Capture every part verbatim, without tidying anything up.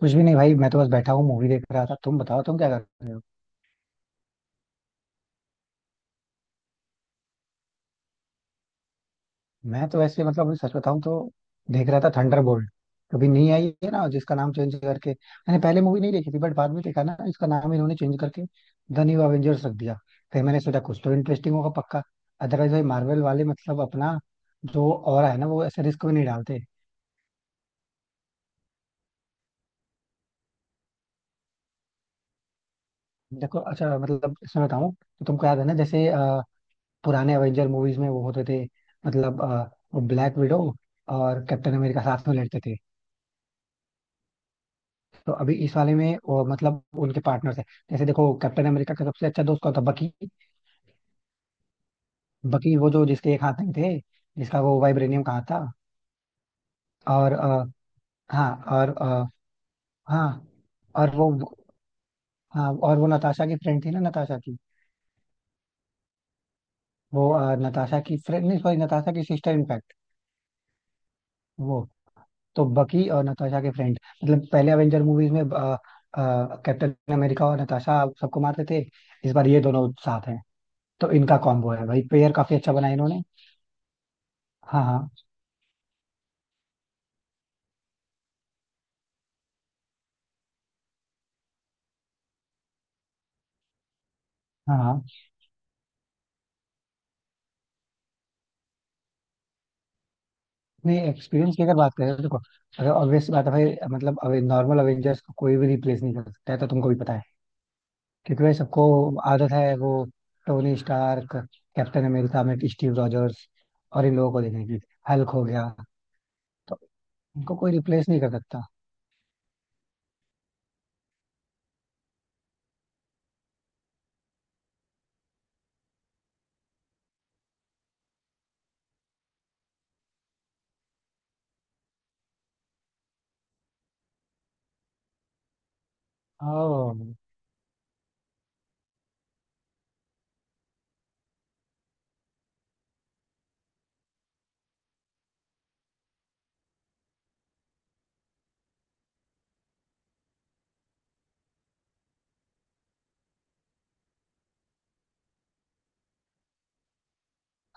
कुछ भी नहीं भाई, मैं तो बस बैठा हूँ। मूवी देख रहा था। तुम बताओ, तुम क्या कर रहे हो? मैं तो वैसे मतलब अभी सच बताऊं तो देख रहा था थंडरबोल्ट। कभी नहीं आई, है ना, जिसका नाम चेंज करके। मैंने पहले मूवी नहीं देखी थी, बट बाद में देखा ना इसका नाम इन्होंने चेंज करके द न्यू एवेंजर्स रख दिया। फिर मैंने सोचा कुछ तो इंटरेस्टिंग होगा पक्का। अदरवाइज भाई मार्वल वाले मतलब अपना जो और है ना, वो ऐसे रिस्क में नहीं डालते। देखो अच्छा, मतलब इसमें बताऊं तो तुमको याद है ना जैसे अ, पुराने एवेंजर मूवीज में वो होते थे मतलब ब्लैक विडो और कैप्टन अमेरिका साथ में लड़ते थे। तो अभी इस वाले में वो मतलब उनके पार्टनर्स है। जैसे देखो, कैप्टन अमेरिका का सबसे अच्छा दोस्त कौन था? बकी। बकी, वो जो जिसके एक हाथ नहीं थे, जिसका वो वाइब्रेनियम कहा था। और अ, हाँ। और अ, हाँ। और वो हाँ, और वो नताशा की फ्रेंड थी ना, नताशा की। वो अ, नताशा की फ्रेंड नहीं, सॉरी, नताशा की सिस्टर इनफैक्ट, वो। तो बकी और नताशा के फ्रेंड मतलब पहले अवेंजर मूवीज में अ, अ, कैप्टन अमेरिका और नताशा सबको मारते थे। इस बार ये दोनों साथ हैं। तो इनका कॉम्बो है भाई, पेयर काफी अच्छा बना है इन्होंने। हाँ, हाँ, हाँ, हाँ। नहीं, एक्सपीरियंस की अगर बात करें तो देखो, अगर ऑब्वियस बात है भाई, मतलब अवे नॉर्मल अवेंजर्स को कोई भी रिप्लेस नहीं कर सकता है, तो तुमको भी पता है। क्योंकि भाई सबको आदत है वो टोनी स्टार्क, कैप्टन अमेरिका में स्टीव रॉजर्स, और इन लोगों को देखने की। हल्क हो गया। तो इनको कोई रिप्लेस नहीं कर सकता। ओह।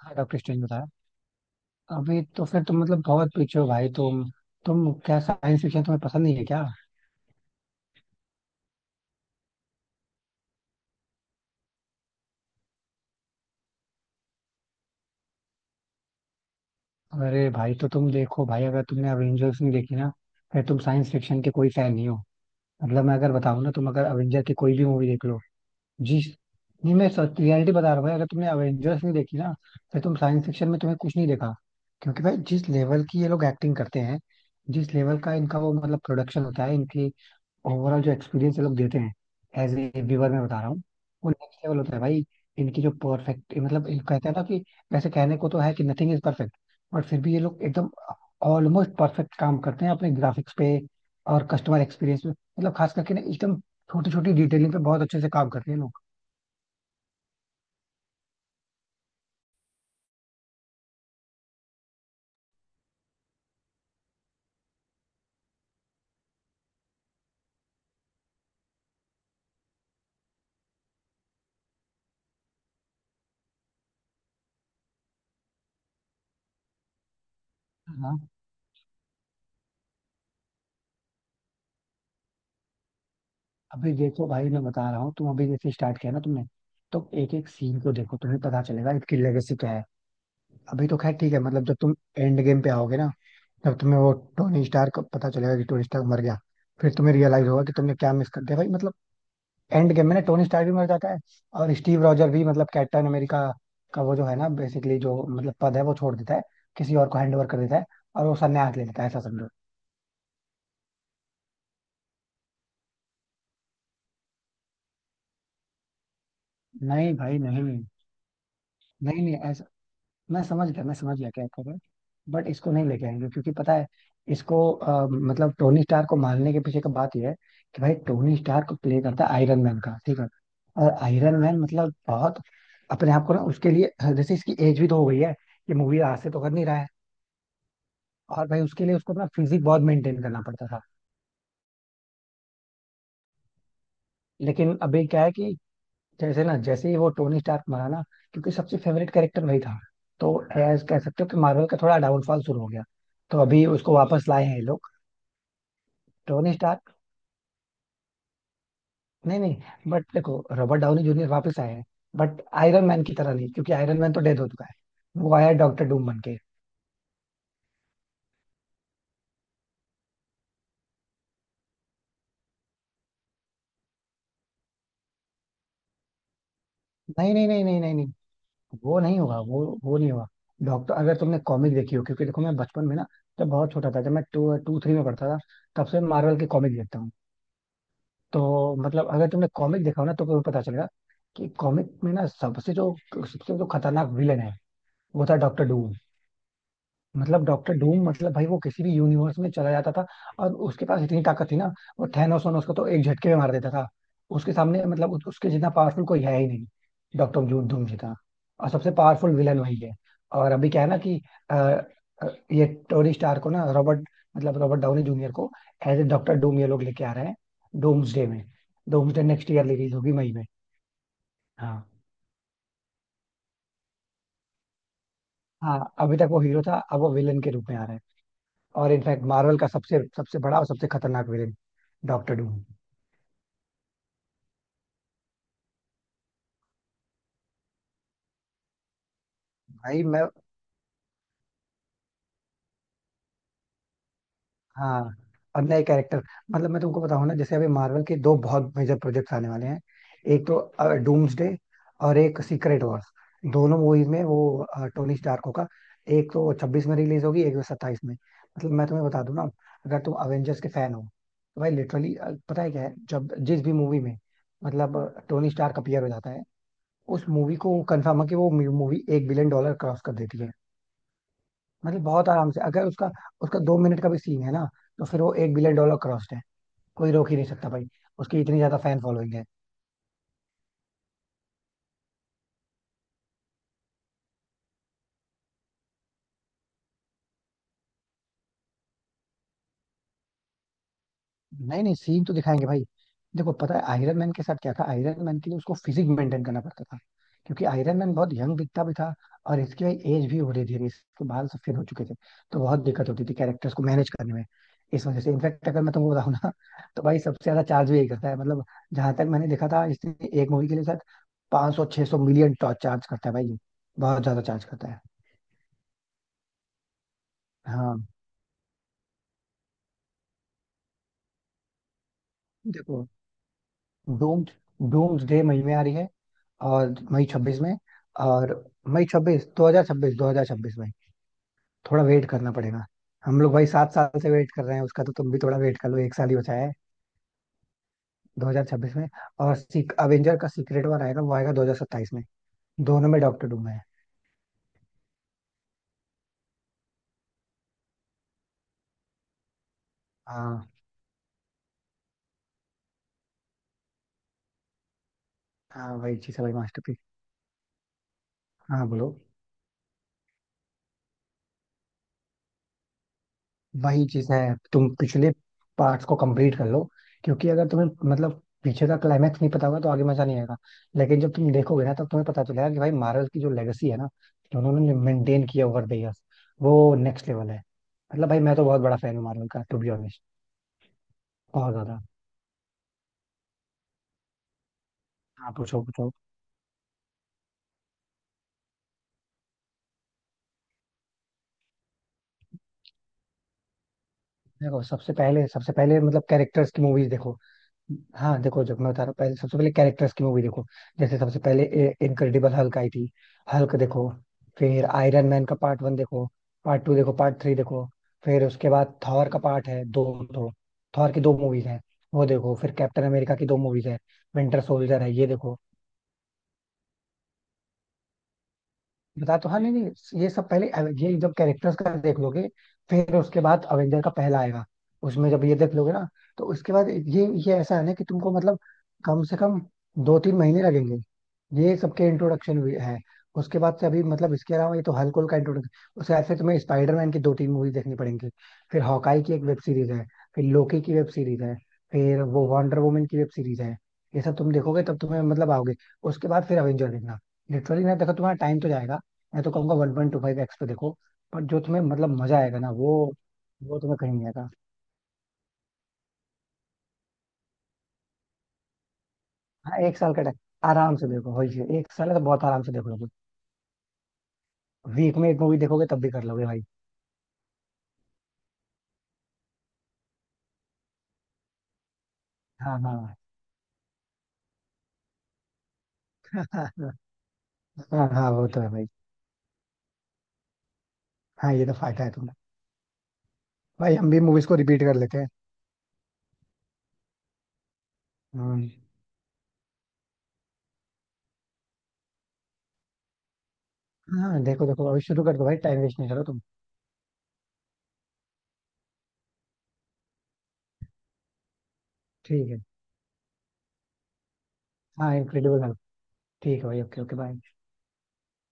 हाँ, डॉक्टर स्ट्रेंज बताया। अभी तो फिर तुम मतलब बहुत पीछे हो भाई तुम। तुम क्या, साइंस फिक्शन तुम्हें पसंद नहीं है क्या? अरे भाई, तो तुम देखो भाई, अगर तुमने अवेंजर्स नहीं देखी ना, फिर तुम साइंस फिक्शन के कोई फैन नहीं हो। मतलब मैं अगर बताऊं ना, तुम अगर अवेंजर की कोई भी मूवी देख लो। जी। नहीं, मैं सच रियलिटी बता रहा हूँ भाई, अगर तुमने अवेंजर्स नहीं देखी ना, फिर तुम साइंस फिक्शन में तुम्हें कुछ नहीं देखा। क्योंकि भाई जिस लेवल की ये लोग एक्टिंग करते हैं, जिस लेवल का इनका वो मतलब प्रोडक्शन होता है इनकी, ओवरऑल जो एक्सपीरियंस ये लोग देते हैं, एज ए व्यूअर मैं बता रहा हूँ, वो नेक्स्ट लेवल होता है भाई। इनकी जो परफेक्ट मतलब इन कहते हैं ना कि, वैसे कहने को तो है कि नथिंग इज परफेक्ट, बट फिर भी ये लोग एकदम ऑलमोस्ट परफेक्ट काम करते हैं अपने ग्राफिक्स पे और कस्टमर एक्सपीरियंस पे, मतलब खास करके ना एकदम छोटी छोटी डिटेलिंग पे बहुत अच्छे से काम करते हैं लोग। हाँ, अभी देखो भाई मैं बता रहा हूँ, तुम अभी जैसे स्टार्ट किया ना तुमने, तो एक एक सीन को देखो, तुम्हें पता चलेगा इसकी लेगेसी क्या है। अभी तो खैर ठीक है, मतलब जब तुम एंड गेम पे आओगे ना, जब तुम्हें वो टोनी स्टार्क का पता चलेगा कि टोनी स्टार्क मर गया, फिर तुम्हें रियलाइज होगा कि तुमने क्या मिस कर दिया भाई मतलब। एंड गेम में ना टोनी स्टार्क भी मर जाता है, और स्टीव रॉजर भी मतलब कैप्टन अमेरिका का वो जो है ना, बेसिकली जो मतलब पद है वो छोड़ देता है, किसी और को हैंड ओवर कर देता है, और वो सन्यास ले लेता है, ऐसा समझो। नहीं भाई, नहीं, नहीं, नहीं, मैं समझ गया, मैं समझ गया क्या कह रहे। बट इसको नहीं लेके आएंगे क्योंकि पता है, इसको अ, मतलब टोनी स्टार को मारने के पीछे का बात यह है कि, भाई टोनी स्टार को प्ले करता है आयरन मैन का, ठीक है। और आयरन मैन मतलब बहुत अपने आप को ना उसके लिए, जैसे इसकी एज भी तो हो गई है, ये मूवी आज से तो कर नहीं रहा है। और भाई उसके लिए उसको ना फिजिक बहुत मेंटेन करना पड़ता था। लेकिन अभी क्या है कि, जैसे ना, जैसे ही वो टोनी स्टार्क मरा ना, क्योंकि सबसे फेवरेट कैरेक्टर वही था, तो एज कह सकते हो कि मार्वल का थोड़ा डाउनफॉल शुरू हो गया। तो अभी उसको वापस लाए हैं ये लोग। Tony Stark. नहीं नहीं, बट देखो, रॉबर्ट डाउनी जूनियर वापस आए हैं, बट आयरन मैन की तरह नहीं, क्योंकि आयरन मैन तो डेड हो चुका है। वो आया डॉक्टर डूम बन के। नहीं, नहीं, नहीं, नहीं, नहीं, नहीं, वो नहीं होगा, वो वो नहीं होगा। डॉक्टर, अगर तुमने कॉमिक देखी हो, क्योंकि देखो मैं बचपन में ना, जब बहुत छोटा था, जब मैं टू टू थ्री में पढ़ता था, तब से मार्वल की कॉमिक देखता हूँ। तो मतलब अगर तुमने कॉमिक देखा हो ना, तो तुम्हें पता चलेगा कि कॉमिक में ना सबसे जो सबसे जो खतरनाक विलन है, वो था डॉक्टर डूम। मतलब डॉक्टर डूम मतलब भाई, वो किसी भी यूनिवर्स में चला जाता था, और उसके पास इतनी ताकत थी ना, वो थैनोस वैनोस को तो एक झटके में मार देता था। उसके सामने मतलब उस, उसके जितना पावरफुल कोई है ही नहीं, डॉक्टर डूम डूम जितना। और सबसे पावरफुल विलन वही है। और अभी क्या है ना कि अ, अ, ये टोनी स्टार को ना रॉबर्ट, मतलब रॉबर्ट डाउनी जूनियर को एज ए डॉक्टर डूम ये लोग लेके आ रहे हैं डूम्सडे में। डूम्सडे नेक्स्ट ईयर रिलीज होगी मई में। हाँ। हाँ, अभी तक वो हीरो था, अब वो विलन के रूप में आ रहा है। और इनफैक्ट मार्वल का सबसे सबसे बड़ा और सबसे खतरनाक विलेन, डॉक्टर डूम। भाई मैं, हाँ, और नए कैरेक्टर, मतलब मैं तुमको बताऊं ना, जैसे अभी मार्वल के दो बहुत मेजर प्रोजेक्ट्स आने वाले हैं। एक तो डूम्सडे, और एक सीक्रेट वॉर्स। दोनों मूवीज में वो टोनी स्टार्क होगा। एक तो छब्बीस में रिलीज होगी, एक तो सत्ताईस में। मतलब मैं तुम्हें बता दूं ना, अगर तुम अवेंजर्स के फैन हो तो भाई लिटरली, पता है क्या है, जब जिस भी मूवी में मतलब टोनी स्टार्क अपीयर हो जाता है, उस मूवी को कंफर्म है कि वो मूवी एक बिलियन डॉलर क्रॉस कर देती है। मतलब बहुत आराम से, अगर उसका उसका दो मिनट का भी सीन है ना, तो फिर वो एक बिलियन डॉलर क्रॉस्ड है, कोई रोक ही नहीं सकता भाई। उसकी इतनी ज्यादा फैन फॉलोइंग है। नहीं नहीं, सीन तो दिखाएंगे भाई। देखो पता है, आयरन मैन के साथ क्या था, आयरन मैन के लिए उसको फिजिक मेंटेन करना पड़ता था, क्योंकि आयरन मैन बहुत यंग दिखता भी था, और इसकी भाई एज भी हो रही थी, इसके बाल सफेद हो चुके थे, तो बहुत दिक्कत होती थी कैरेक्टर्स को मैनेज करने में। इस वजह से इनफैक्ट अगर मैं तुमको बताऊं ना तो भाई सबसे ज्यादा चार्ज भी यही करता है मतलब, जहां तक मैंने देखा था इसने, एक मूवी के लिए शायद पांच सौ 600 सौ मिलियन चार्ज करता है भाई, बहुत ज्यादा चार्ज करता है। हाँ देखो, डूम्स डूम्स डे मई में आ रही है, और मई छब्बीस में, और मई छब्बीस दो हजार छब्बीस दो हजार छब्बीस में। थोड़ा वेट करना पड़ेगा। हम लोग भाई सात साल से वेट कर रहे हैं उसका, तो तुम भी थोड़ा वेट कर लो, एक साल ही बचा है। दो हजार छब्बीस में। और सीक अवेंजर का सीक्रेट वार आएगा, वो आएगा दो हजार सत्ताईस में। दोनों में डॉक्टर डूम है। हाँ, हाँ भाई जी, भाई मास्टरपीस। हाँ बोलो। वही चीज है, तुम पिछले पार्ट्स को कंप्लीट कर लो, क्योंकि अगर तुम्हें मतलब पीछे का क्लाइमैक्स नहीं पता होगा तो आगे मजा नहीं आएगा। लेकिन जब तुम देखोगे ना, तब तुम्हें पता चलेगा कि भाई मार्वल की जो लेगेसी है ना, जो उन्होंने मेंटेन किया ओवर द इयर्स, वो नेक्स्ट लेवल है। मतलब भाई मैं तो बहुत बड़ा फैन हूँ मार्वल का, टू बी ऑनेस्ट, बहुत ज्यादा। हाँ पूछो, पूछो। देखो, सबसे पहले, सबसे पहले मतलब कैरेक्टर्स की मूवीज देखो। हाँ देखो, जब मैं बता रहा हूँ पहले, सबसे पहले कैरेक्टर्स की मूवी देखो। जैसे सबसे पहले इनक्रेडिबल हल्क आई थी, हल्क देखो। फिर आयरन मैन का पार्ट वन देखो, पार्ट टू देखो, पार्ट थ्री देखो। फिर उसके बाद थॉर का पार्ट है दो, दो। थॉर की दो मूवीज हैं, वो देखो। फिर कैप्टन अमेरिका की दो मूवीज है, विंटर सोल्जर है, ये देखो। बता तो, हाँ नहीं नहीं, ये सब पहले अवे- ये जब कैरेक्टर्स का देख लोगे, फिर उसके बाद अवेंजर का पहला आएगा। उसमें जब ये देख लोगे ना, तो उसके बाद ये ये ऐसा है ना कि तुमको मतलब कम से कम दो तीन महीने लगेंगे। ये सबके इंट्रोडक्शन भी है। उसके बाद से अभी, मतलब इसके अलावा, ये तो हल्क का इंट्रोडक्शन, उसके बाद से तुम्हें स्पाइडरमैन की दो तीन मूवी देखनी पड़ेंगी, फिर हॉकाई की एक वेब सीरीज है, फिर लोकी की वेब सीरीज है, फिर वो वंडर वुमन की वेब सीरीज है। ये सब तुम देखोगे तब तुम्हें मतलब आओगे। उसके बाद फिर अवेंजर देखना। लिटरली ना देखो, तुम्हारा टाइम तो जाएगा। मैं तो कहूंगा one point two five x पे देखो, पर जो तुम्हें मतलब मजा आएगा ना वो वो तुम्हें कहीं नहीं आएगा। हाँ, एक साल का टाइम। आराम से देखो, वही चीज़, एक साल है तो बहुत आराम से देख लोगे। वीक में एक मूवी देखोगे तब भी कर लोगे भाई। हाँ हाँ। हाँ हाँ, वो तो है भाई। हाँ, ये तो फायदा है तुम्हारा। भाई हम भी मूवीज को रिपीट कर लेते हैं। हम्म। हाँ देखो, देखो अभी शुरू कर दो भाई, टाइम वेस्ट नहीं करो तुम। ठीक है। हाँ, इनक्रेडिबल हल्क। ठीक है भाई, ओके ओके, बाय।